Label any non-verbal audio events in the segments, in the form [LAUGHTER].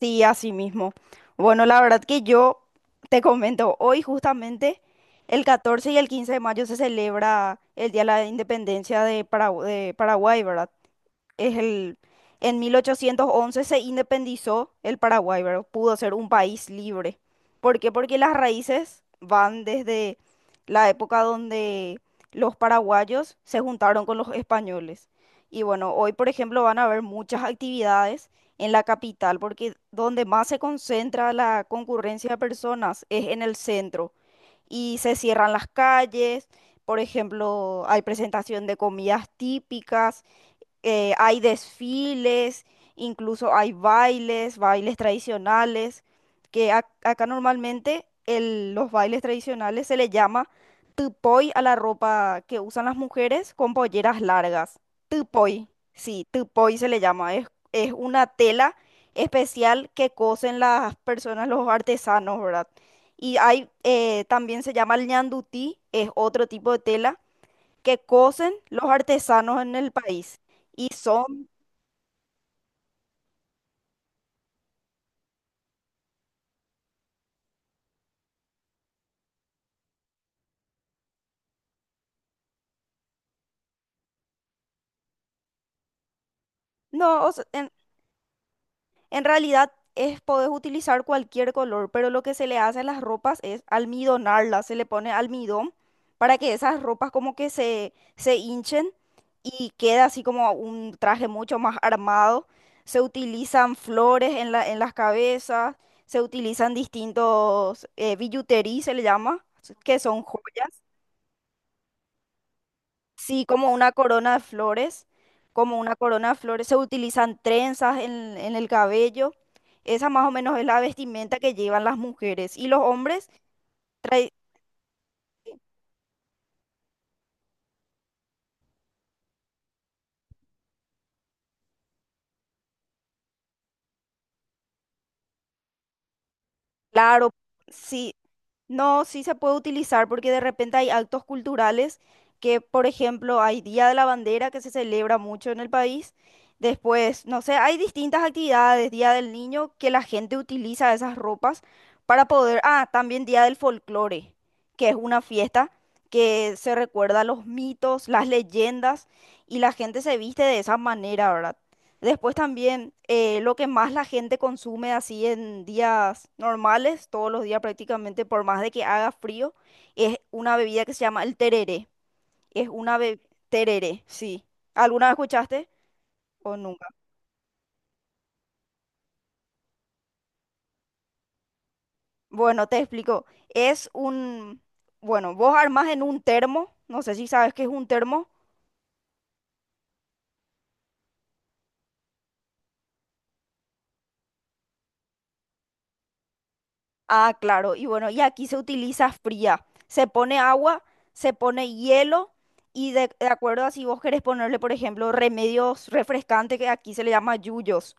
Sí, así mismo. Bueno, la verdad que yo te comento, hoy justamente el 14 y el 15 de mayo se celebra el Día de la Independencia de de Paraguay, ¿verdad? Es el, en 1811 se independizó el Paraguay, ¿verdad? Pudo ser un país libre. ¿Por qué? Porque las raíces van desde la época donde los paraguayos se juntaron con los españoles. Y bueno, hoy, por ejemplo, van a haber muchas actividades en la capital, porque donde más se concentra la concurrencia de personas es en el centro y se cierran las calles. Por ejemplo, hay presentación de comidas típicas, hay desfiles, incluso hay bailes, bailes tradicionales, que acá normalmente los bailes tradicionales se le llama tupoy a la ropa que usan las mujeres con polleras largas. Tupoy, sí, tupoy se le llama. Es una tela especial que cosen las personas, los artesanos, ¿verdad? Y hay, también se llama el ñandutí, es otro tipo de tela que cosen los artesanos en el país. Y son, no, o sea, en realidad es, podés utilizar cualquier color, pero lo que se le hace a las ropas es almidonarlas, se le pone almidón para que esas ropas como que se hinchen y queda así como un traje mucho más armado. Se utilizan flores en en las cabezas, se utilizan distintos billutería, se le llama, que son joyas. Sí, como una corona de flores, como una corona de flores. Se utilizan trenzas en el cabello. Esa más o menos es la vestimenta que llevan las mujeres. Y los hombres traen. Claro, sí, no, sí se puede utilizar porque de repente hay actos culturales que, por ejemplo, hay Día de la Bandera que se celebra mucho en el país. Después, no sé, hay distintas actividades, Día del Niño, que la gente utiliza esas ropas para poder... Ah, también Día del Folclore, que es una fiesta que se recuerda los mitos, las leyendas y la gente se viste de esa manera, ¿verdad? Después también lo que más la gente consume así en días normales, todos los días prácticamente, por más de que haga frío, es una bebida que se llama el tereré. Es una bebida... Tereré, sí. ¿Alguna vez escuchaste? ¿O nunca? Bueno, te explico. Es un... Bueno, vos armás en un termo, no sé si sabes qué es un termo. Ah, claro. Y bueno, y aquí se utiliza fría. Se pone agua, se pone hielo y de acuerdo a si vos querés ponerle, por ejemplo, remedios refrescantes que aquí se le llama yuyos.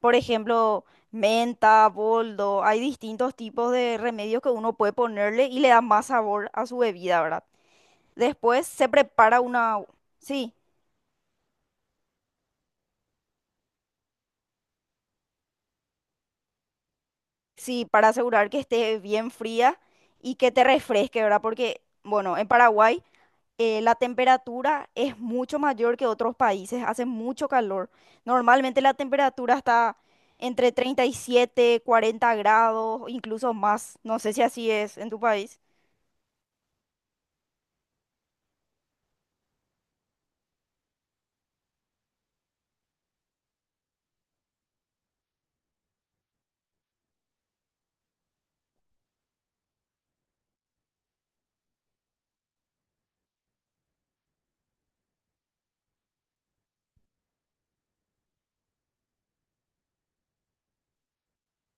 Por ejemplo, menta, boldo. Hay distintos tipos de remedios que uno puede ponerle y le da más sabor a su bebida, ¿verdad? Después se prepara una... Sí, sí, para asegurar que esté bien fría y que te refresque, ¿verdad? Porque, bueno, en Paraguay... la temperatura es mucho mayor que otros países, hace mucho calor. Normalmente la temperatura está entre 37, 40 grados, incluso más. No sé si así es en tu país.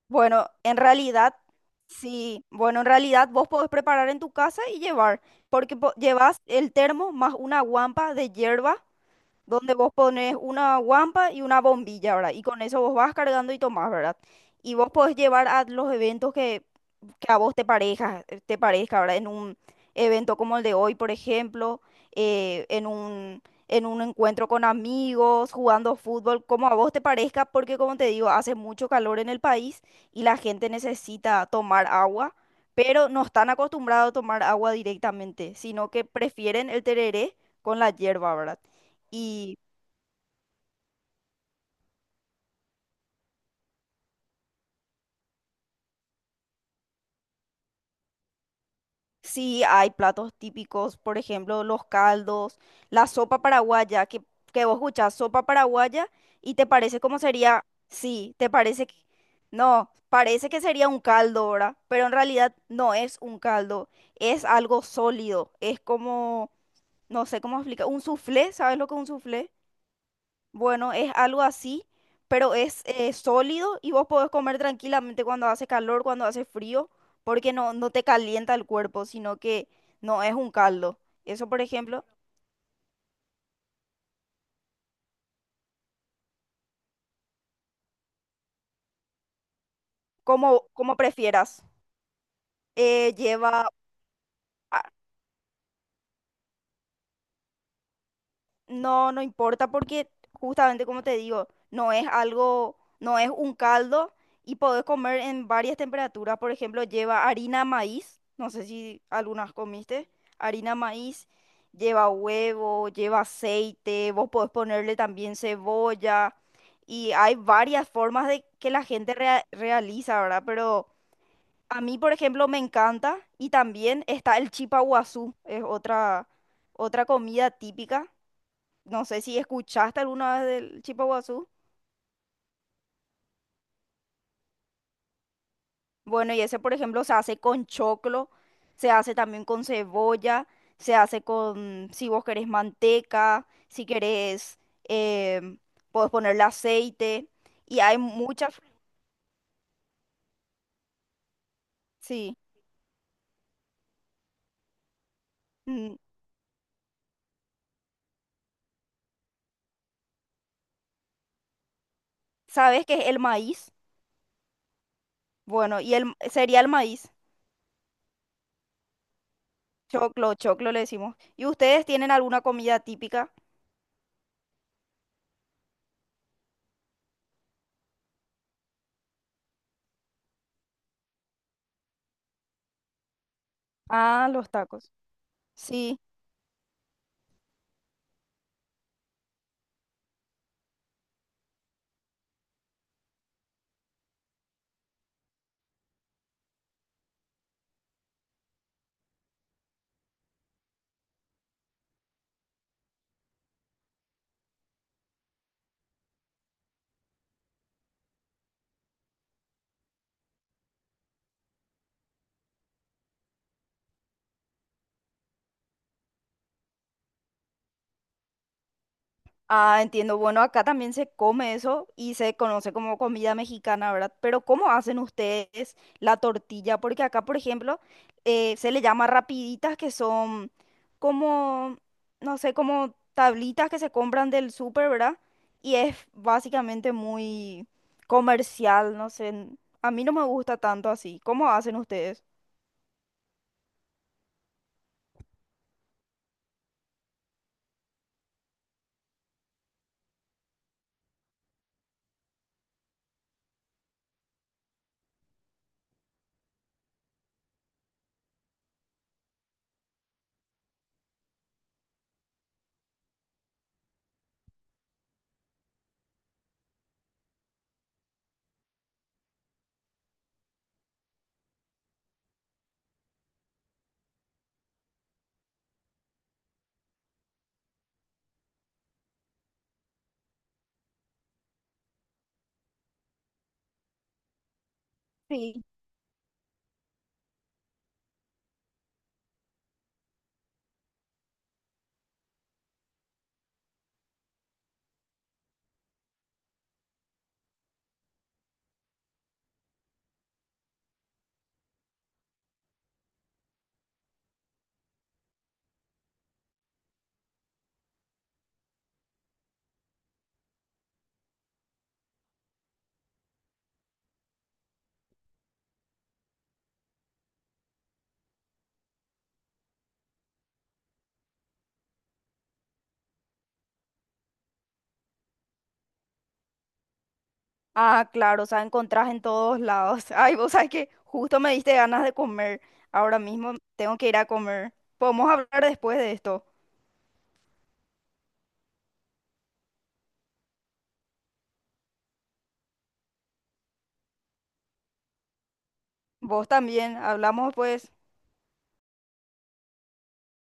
Bueno, en realidad, sí, bueno, en realidad vos podés preparar en tu casa y llevar, porque llevas el termo más una guampa de hierba, donde vos pones una guampa y una bombilla, ¿verdad? Y con eso vos vas cargando y tomás, ¿verdad? Y vos podés llevar a los eventos que a vos te parezca, ¿verdad? En un evento como el de hoy, por ejemplo, eh, en un, en un encuentro con amigos, jugando fútbol, como a vos te parezca, porque como te digo, hace mucho calor en el país y la gente necesita tomar agua, pero no están acostumbrados a tomar agua directamente, sino que prefieren el tereré con la hierba, ¿verdad? Sí, hay platos típicos, por ejemplo, los caldos, la sopa paraguaya, que vos escuchás sopa paraguaya y te parece como sería, sí, te parece que, no, parece que sería un caldo, ¿verdad? Pero en realidad no es un caldo, es algo sólido, es como, no sé cómo explicar, un soufflé, ¿sabes lo que es un soufflé? Bueno, es algo así, pero es sólido y vos podés comer tranquilamente cuando hace calor, cuando hace frío, porque no te calienta el cuerpo, sino que no es un caldo. Eso, por ejemplo, como, como prefieras. Lleva, ah, no, no importa porque justamente como te digo, no es algo, no es un caldo y podés comer en varias temperaturas. Por ejemplo, lleva harina maíz, no sé si algunas comiste, harina maíz, lleva huevo, lleva aceite, vos podés ponerle también cebolla y hay varias formas de que la gente realiza, ¿verdad? Pero a mí, por ejemplo, me encanta y también está el chipa guazú, es otra, otra comida típica, no sé si escuchaste alguna vez del chipa. Bueno, y ese, por ejemplo, se hace con choclo, se hace también con cebolla, se hace con, si vos querés, manteca, si querés, em, podés ponerle aceite. Y hay muchas, sí. Mm, ¿sabes qué es el maíz? Bueno, y el, sería el maíz. Choclo, choclo le decimos. ¿Y ustedes tienen alguna comida típica? Ah, los tacos. Sí. Ah, entiendo. Bueno, acá también se come eso y se conoce como comida mexicana, ¿verdad? Pero ¿cómo hacen ustedes la tortilla? Porque acá, por ejemplo, se le llama rapiditas, que son como, no sé, como tablitas que se compran del súper, ¿verdad? Y es básicamente muy comercial, no sé. A mí no me gusta tanto así. ¿Cómo hacen ustedes? Sí. Ah, claro, o sea, encontrás en todos lados. [LAUGHS] Ay, vos sabés que justo me diste ganas de comer. Ahora mismo tengo que ir a comer. Podemos hablar después de esto. Vos también, hablamos pues.